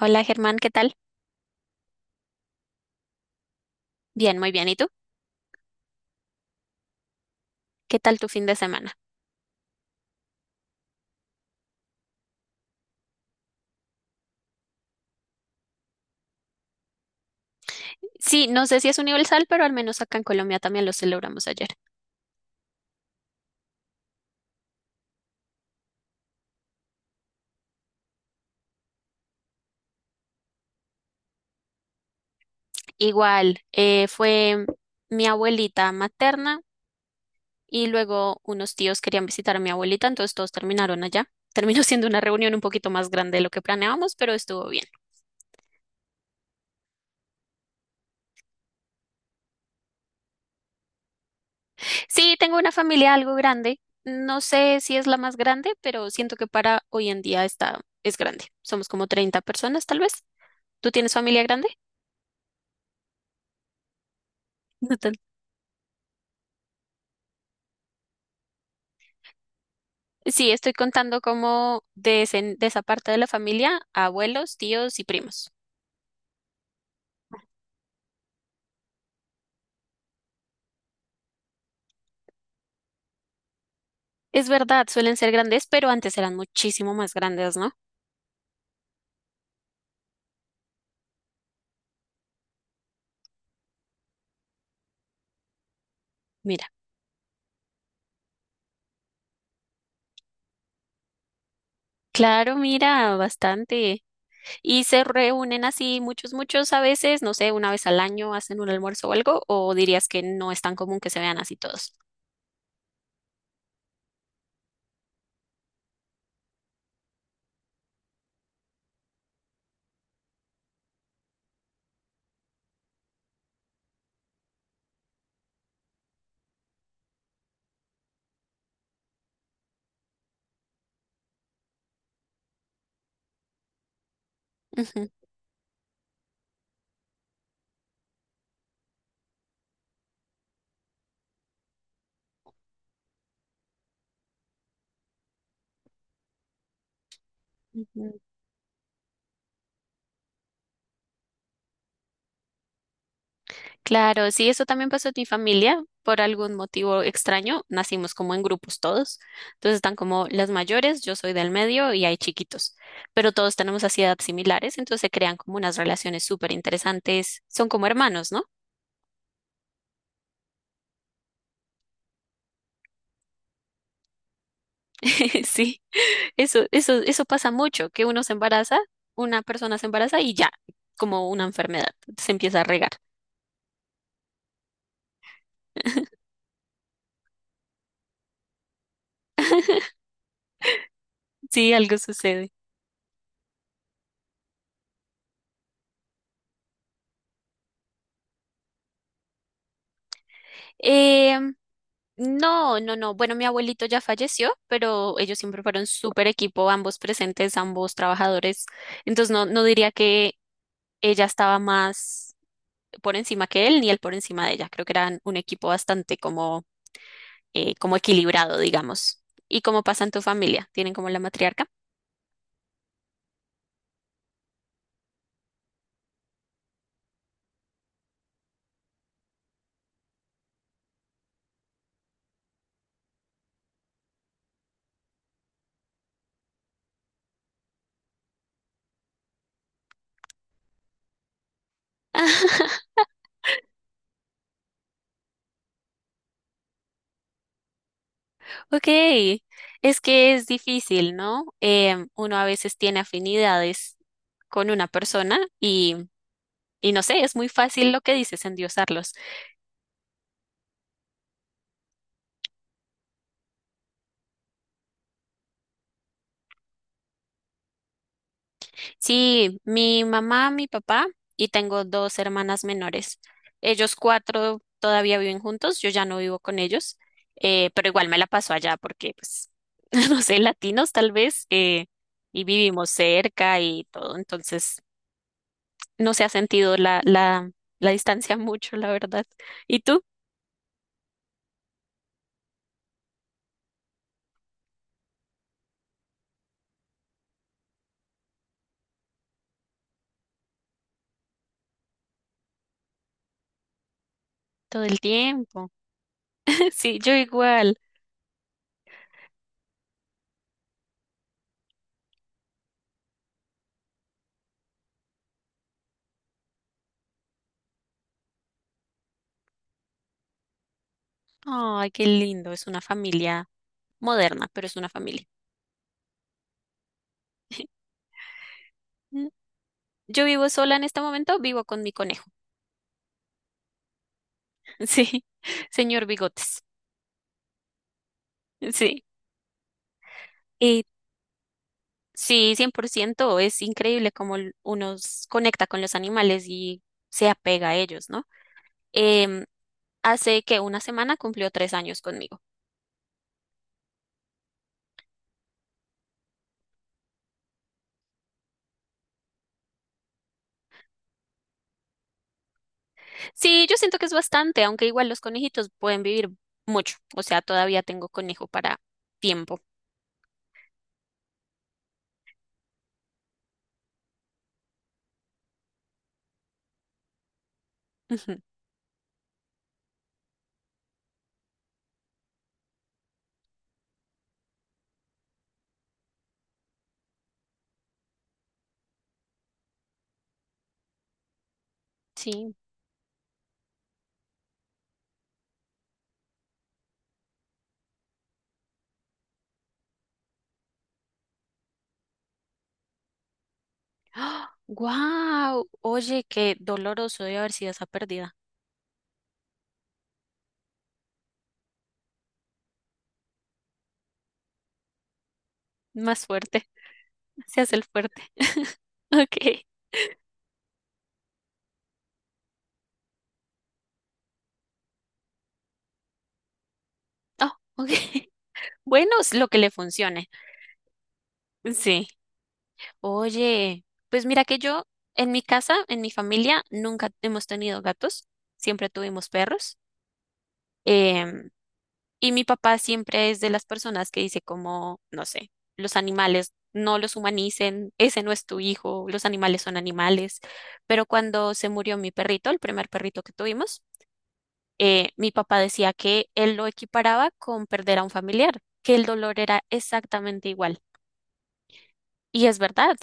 Hola Germán, ¿qué tal? Bien, muy bien. ¿Y tú? ¿Qué tal tu fin de semana? Sí, no sé si es universal, pero al menos acá en Colombia también lo celebramos ayer. Igual, fue mi abuelita materna y luego unos tíos querían visitar a mi abuelita, entonces todos terminaron allá. Terminó siendo una reunión un poquito más grande de lo que planeábamos, pero estuvo bien. Sí, tengo una familia algo grande. No sé si es la más grande, pero siento que para hoy en día es grande. Somos como 30 personas, tal vez. ¿Tú tienes familia grande? No. Sí, estoy contando como de esa parte de la familia, abuelos, tíos y primos. Es verdad, suelen ser grandes, pero antes eran muchísimo más grandes, ¿no? Mira, claro, mira, bastante. Y se reúnen así muchos, muchos a veces, no sé, una vez al año hacen un almuerzo o algo, o dirías que no es tan común que se vean así todos. Ujú, ujú. Claro, sí, eso también pasó en mi familia. Por algún motivo extraño, nacimos como en grupos todos. Entonces están como las mayores, yo soy del medio y hay chiquitos. Pero todos tenemos así edades similares, entonces se crean como unas relaciones súper interesantes. Son como hermanos, ¿no? Sí, eso pasa mucho, que uno se embaraza, una persona se embaraza y ya, como una enfermedad, se empieza a regar. Sí, algo sucede. Em, No, no, no. Bueno, mi abuelito ya falleció, pero ellos siempre fueron súper equipo, ambos presentes, ambos trabajadores. Entonces no diría que ella estaba más por encima que él, ni él por encima de ella. Creo que eran un equipo bastante como equilibrado, digamos. ¿Y cómo pasa en tu familia? ¿Tienen como la matriarca? Ok, es que es difícil, ¿no? Uno a veces tiene afinidades con una persona y no sé, es muy fácil lo que dices, endiosarlos. Sí, mi mamá, mi papá y tengo dos hermanas menores. Ellos cuatro todavía viven juntos, yo ya no vivo con ellos, pero igual me la paso allá porque, pues, no sé, latinos tal vez, y vivimos cerca y todo, entonces... no se ha sentido la distancia mucho, la verdad. ¿Y tú? Todo el tiempo. Sí, yo igual. Ay, qué lindo. Es una familia moderna, pero es una familia. Mm, Yo vivo sola en este momento, vivo con mi conejo. Sí, señor Bigotes. Sí. Y sí, 100% es increíble cómo l- uno s- conecta con los animales y se apega a ellos, ¿no? Em, Hace que una semana cumplió 3 años conmigo. Sí, yo siento que es bastante, aunque igual los conejitos pueden vivir mucho. O sea, todavía tengo conejo para tiempo. Ujú, Sí. ¡Wow! Oye, qué doloroso debe haber sido esa pérdida. Más fuerte. Se hace el fuerte. Ok. Oh, ok. Bueno, es lo que le funcione. Sí. Oye, pues mira que yo, en mi casa, en mi familia, nunca hemos tenido gatos. Siempre tuvimos perros. em, Y mi papá siempre es de las personas que dice como, no sé, los animales no los humanicen, ese no es tu hijo, los animales son animales. Pero cuando se murió mi perrito, el primer perrito que tuvimos, mi papá decía que él lo equiparaba con perder a un familiar, que el dolor era exactamente igual. Y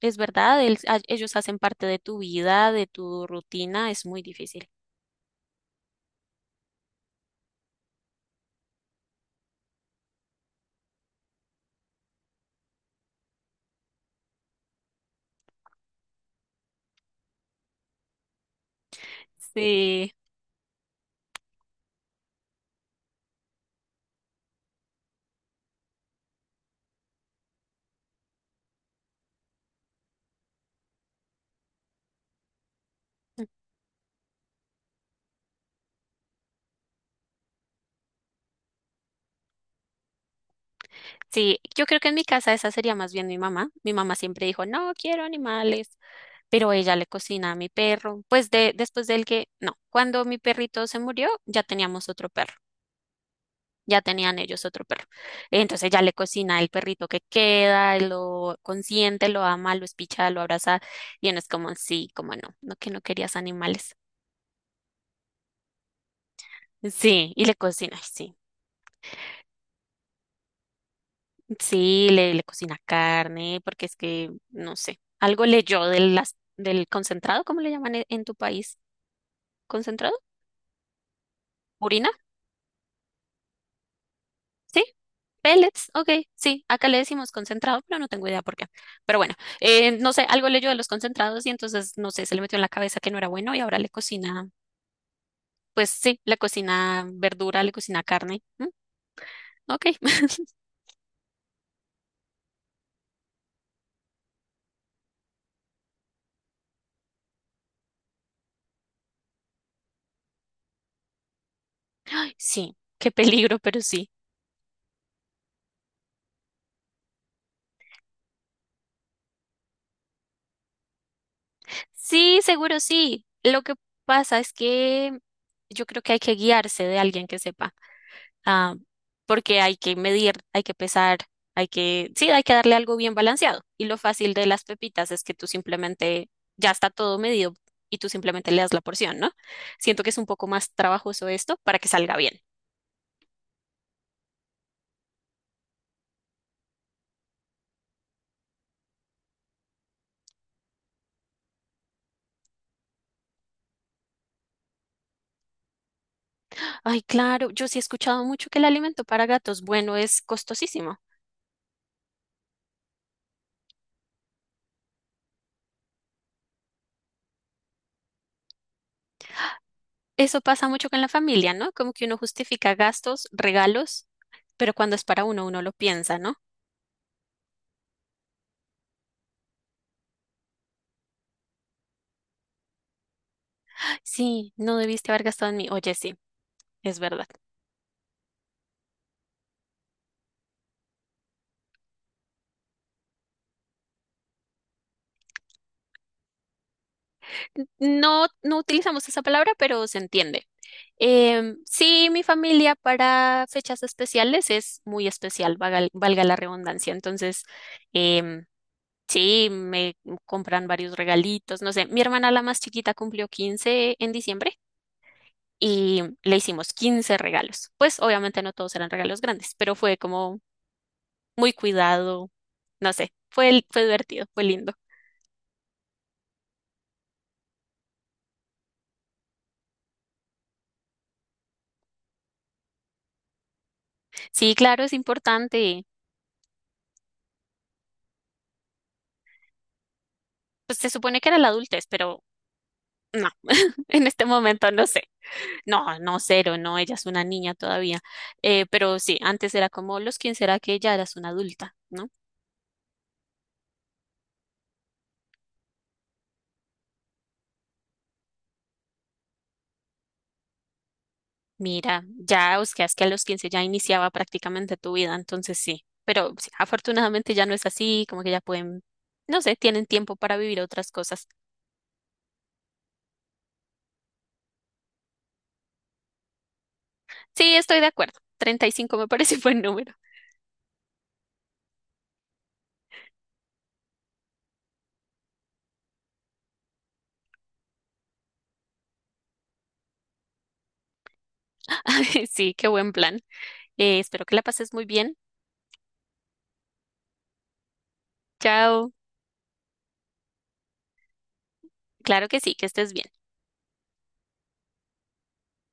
es verdad, ellos hacen parte de tu vida, de tu rutina, es muy difícil. Sí, sí, yo creo que en mi casa esa sería más bien mi mamá. Mi mamá siempre dijo, no quiero animales. Pero ella le cocina a mi perro. Pues de, después del que, no, cuando mi perrito se murió, ya teníamos otro perro, ya tenían ellos otro perro. Entonces ella le cocina el perrito que queda, lo consiente, lo ama, lo espicha, lo abraza, y uno es como, sí, como no, no que no querías animales. Sí, y le cocina, ay, sí, sí, le cocina carne, porque es que, no sé, algo leyó del, las- del concentrado, ¿cómo le llaman en tu país? ¿Concentrado? ¿Purina? Sí, pellets, ok, sí, acá le decimos concentrado, pero no tengo idea por qué. Pero bueno, no sé, algo leyó de los concentrados y entonces, no sé, se le metió en la cabeza que no era bueno y ahora le cocina, pues sí, le cocina verdura, le cocina carne. Mm, Ok, sí, qué peligro, pero sí. Sí, seguro sí. Lo que pasa es que yo creo que hay que guiarse de alguien que sepa. Ah, porque hay que medir, hay que pesar, hay que, sí, hay que darle algo bien balanceado. Y lo fácil de las pepitas es que tú simplemente, ya está todo medido y tú simplemente le das la porción, ¿no? Siento que es un poco más trabajoso esto para que salga bien. Ay, claro, yo sí he escuchado mucho que el alimento para gatos bueno es costosísimo. Eso pasa mucho con la familia, ¿no? Como que uno justifica gastos, regalos, pero cuando es para uno, uno lo piensa, ¿no? Sí, no debiste haber gastado en mí. Oye, sí, es verdad. No, no utilizamos esa palabra, pero se entiende. Sí, mi familia para fechas especiales es muy especial, valga, la redundancia. Entonces, em, Sí, me compran varios regalitos, no sé. Mi hermana, la más chiquita, cumplió 15 en diciembre y le hicimos 15 regalos. Pues obviamente no todos eran regalos grandes, pero fue como muy cuidado, no sé. Fue, fue divertido, fue lindo. Sí, claro, es importante. Pues se supone que era la adultez, pero no, en este momento no sé. No, no, cero, no, ella es una niña todavía. Pero sí, antes era como los 15, era que ya eras una adulta, ¿no? Mira, ya buscas que a los 15 ya iniciaba prácticamente tu vida, entonces sí, pero sí, afortunadamente ya no es así, como que ya pueden, no sé, tienen tiempo para vivir otras cosas. Sí, estoy de acuerdo, 35 me parece buen número. Ay, Sí, qué buen plan. Espero que la pases muy bien. Chao. Claro que sí, que estés bien.